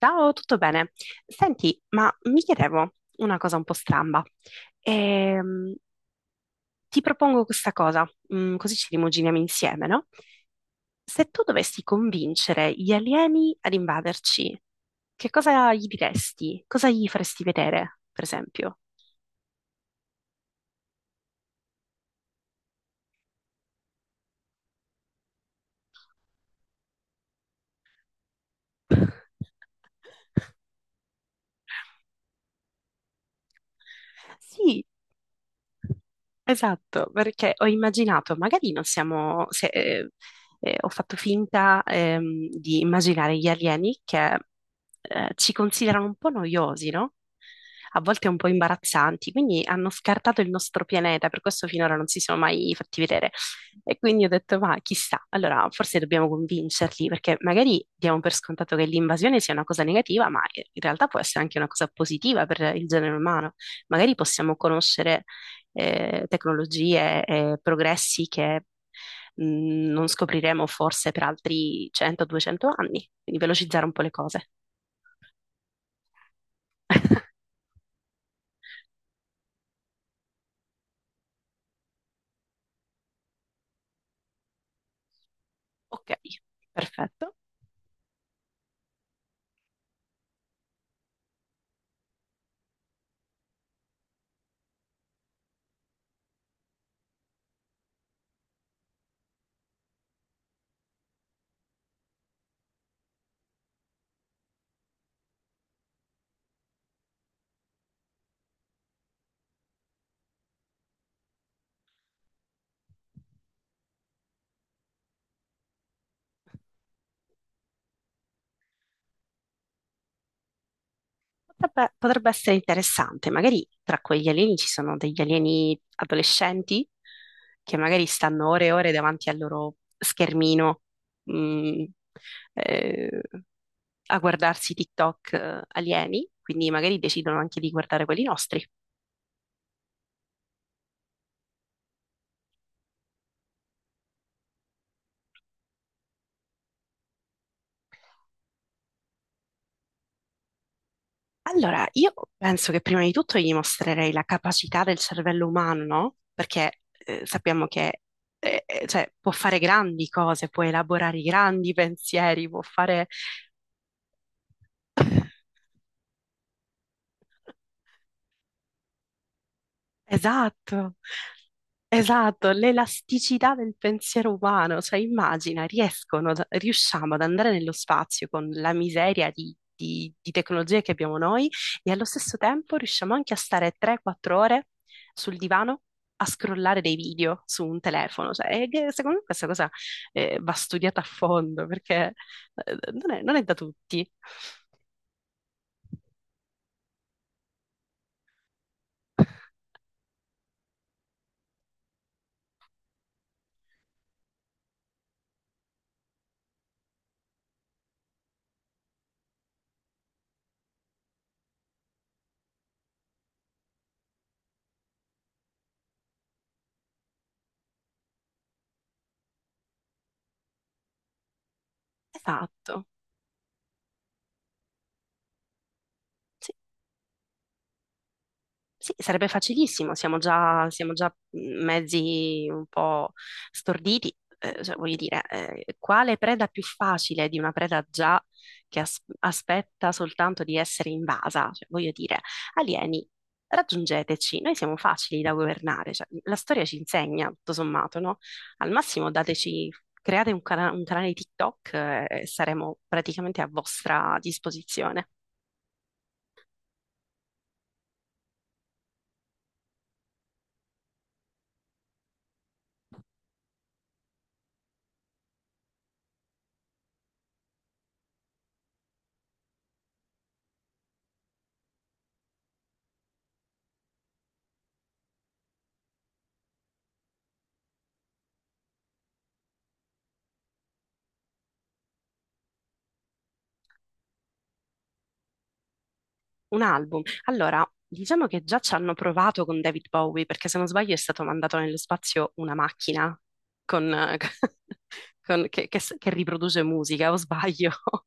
Ciao, tutto bene? Senti, ma mi chiedevo una cosa un po' stramba. Ehm, ti propongo questa cosa, così ci rimuginiamo insieme, no? Se tu dovessi convincere gli alieni ad invaderci, che cosa gli diresti? Cosa gli faresti vedere, per esempio? Sì, esatto, perché ho immaginato, magari non siamo, se, ho fatto finta di immaginare gli alieni che ci considerano un po' noiosi, no? A volte un po' imbarazzanti, quindi hanno scartato il nostro pianeta, per questo finora non si sono mai fatti vedere. E quindi ho detto, ma chissà, allora forse dobbiamo convincerli, perché magari diamo per scontato che l'invasione sia una cosa negativa, ma in realtà può essere anche una cosa positiva per il genere umano. Magari possiamo conoscere tecnologie e progressi che mh, non scopriremo forse per altri 100-200 anni, quindi velocizzare un po' le cose. Ok, perfetto. Potrebbe essere interessante, magari tra quegli alieni ci sono degli alieni adolescenti che magari stanno ore e ore davanti al loro schermino, mh, eh, a guardarsi TikTok alieni, quindi magari decidono anche di guardare quelli nostri. Allora, io penso che prima di tutto gli mostrerei la capacità del cervello umano, no? Perché sappiamo che cioè, può fare grandi cose, può elaborare i grandi pensieri, può fare. Esatto, esatto, l'elasticità del pensiero umano, cioè immagina, riescono, riusciamo ad andare nello spazio con la miseria di tecnologie che abbiamo noi, e allo stesso tempo riusciamo anche a stare 3-4 ore sul divano a scrollare dei video su un telefono, cioè, e che secondo me questa cosa va studiata a fondo perché non è da tutti. Esatto. Sì, sì, sarebbe facilissimo, siamo già mezzi un po' storditi, cioè, voglio dire, quale preda più facile di una preda già che aspetta soltanto di essere invasa? Cioè, voglio dire, alieni, raggiungeteci, noi siamo facili da governare, cioè, la storia ci insegna, tutto sommato, no? Al massimo dateci, create un canale TikTok, e saremo praticamente a vostra disposizione. Un album. Allora, diciamo che già ci hanno provato con David Bowie, perché se non sbaglio è stato mandato nello spazio una macchina con- eh, che riproduce musica, o sbaglio?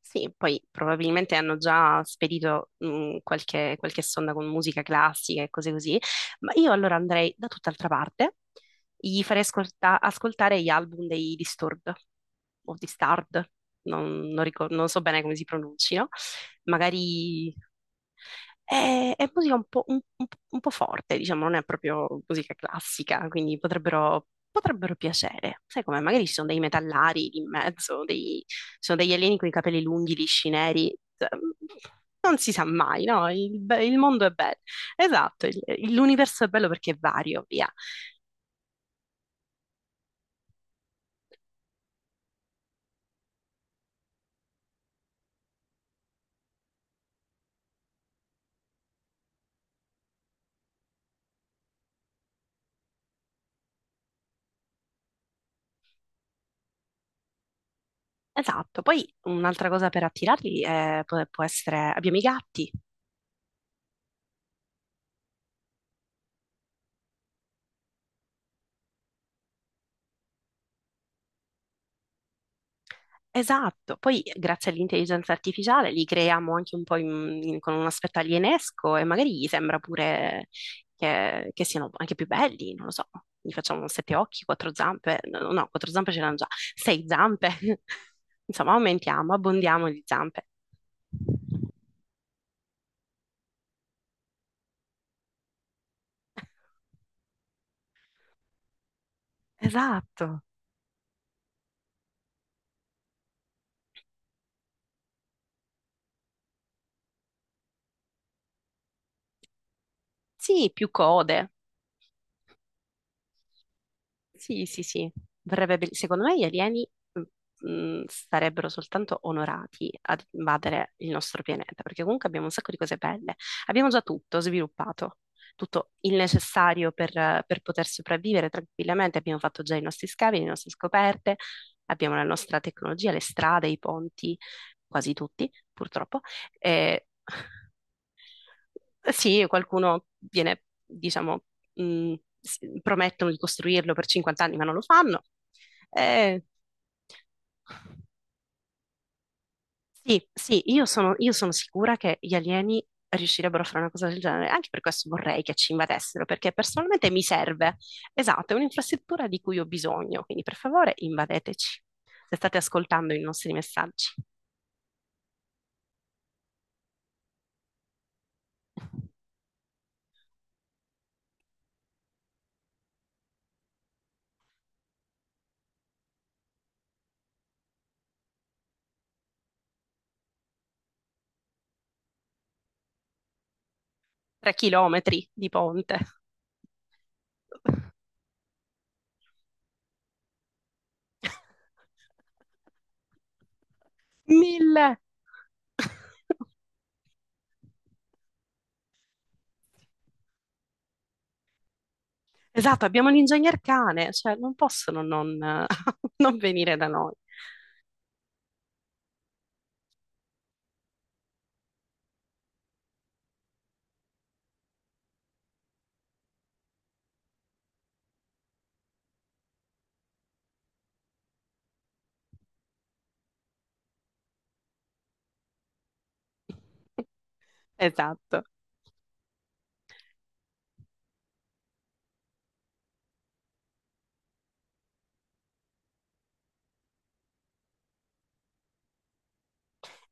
Sì, poi probabilmente hanno già spedito qualche sonda con musica classica e cose così, ma io allora andrei da tutt'altra parte, gli farei ascoltare gli album dei Disturbed o Disturbed, non so bene come si pronunciano magari. È musica un po', un po' forte, diciamo, non è proprio musica classica, quindi potrebbero piacere. Sai come? Magari ci sono dei metallari in mezzo, ci sono degli alieni con i capelli lunghi, lisci, neri. Cioè, non si sa mai, no? Il mondo è bello. Esatto, l'universo è bello perché è vario, via. Esatto. Poi un'altra cosa per attirarli può essere. Abbiamo i gatti. Esatto, poi grazie all'intelligenza artificiale li creiamo anche un po' con un aspetto alienesco e magari gli sembra pure che siano anche più belli, non lo so, gli facciamo sette occhi, quattro zampe, no, no, no, quattro zampe ce l'hanno già, sei zampe, insomma aumentiamo, abbondiamo di zampe. Esatto, sì, più code. Sì, sì, sì, secondo me gli alieni mm, sarebbero soltanto onorati ad invadere il nostro pianeta, perché comunque abbiamo un sacco di cose belle. Abbiamo già tutto sviluppato, tutto il necessario per poter sopravvivere tranquillamente. Abbiamo fatto già i nostri scavi, le nostre scoperte, abbiamo la nostra tecnologia, le strade, i ponti, quasi tutti, purtroppo. E sì, qualcuno viene, diciamo, mh, promettono di costruirlo per 50 anni, ma non lo fanno. Eh, sì, sì, io sono sicura che gli alieni riuscirebbero a fare una cosa del genere. Anche per questo vorrei che ci invadessero, perché personalmente mi serve. Esatto, è un'infrastruttura di cui ho bisogno. Quindi, per favore, invadeteci. Se state ascoltando i nostri messaggi. 3 chilometri di ponte. 1.000. Esatto, abbiamo l'ingegner cane, cioè non possono non, non venire da noi. Esatto.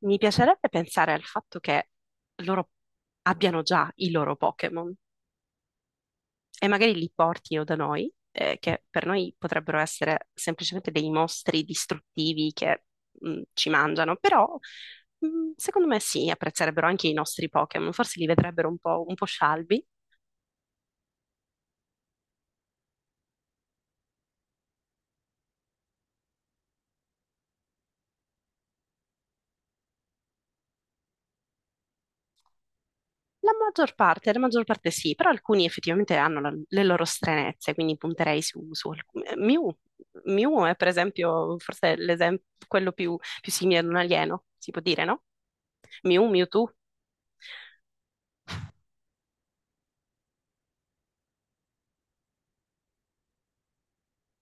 Mi piacerebbe pensare al fatto che loro abbiano già i loro Pokémon e magari li portino da noi, che per noi potrebbero essere semplicemente dei mostri distruttivi che ci mangiano, però secondo me sì, apprezzerebbero anche i nostri Pokémon, forse li vedrebbero un po' scialbi. La maggior parte sì, però alcuni effettivamente hanno le loro stranezze, quindi punterei su alcuni. Mew è per esempio forse l'esempio, quello più simile ad un alieno, si può dire, no? Mew, Mewtwo,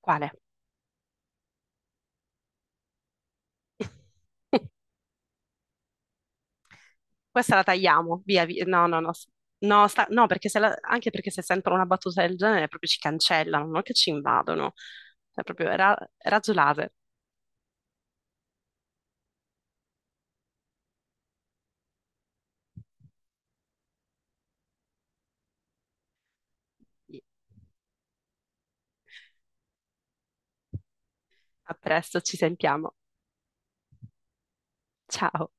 quale? Questa la tagliamo, via, via. No, no, no, no, no, perché se la- anche perché se sentono una battuta del genere proprio ci cancellano, non che ci invadono, è proprio razzo laser. A presto, ci sentiamo. Ciao.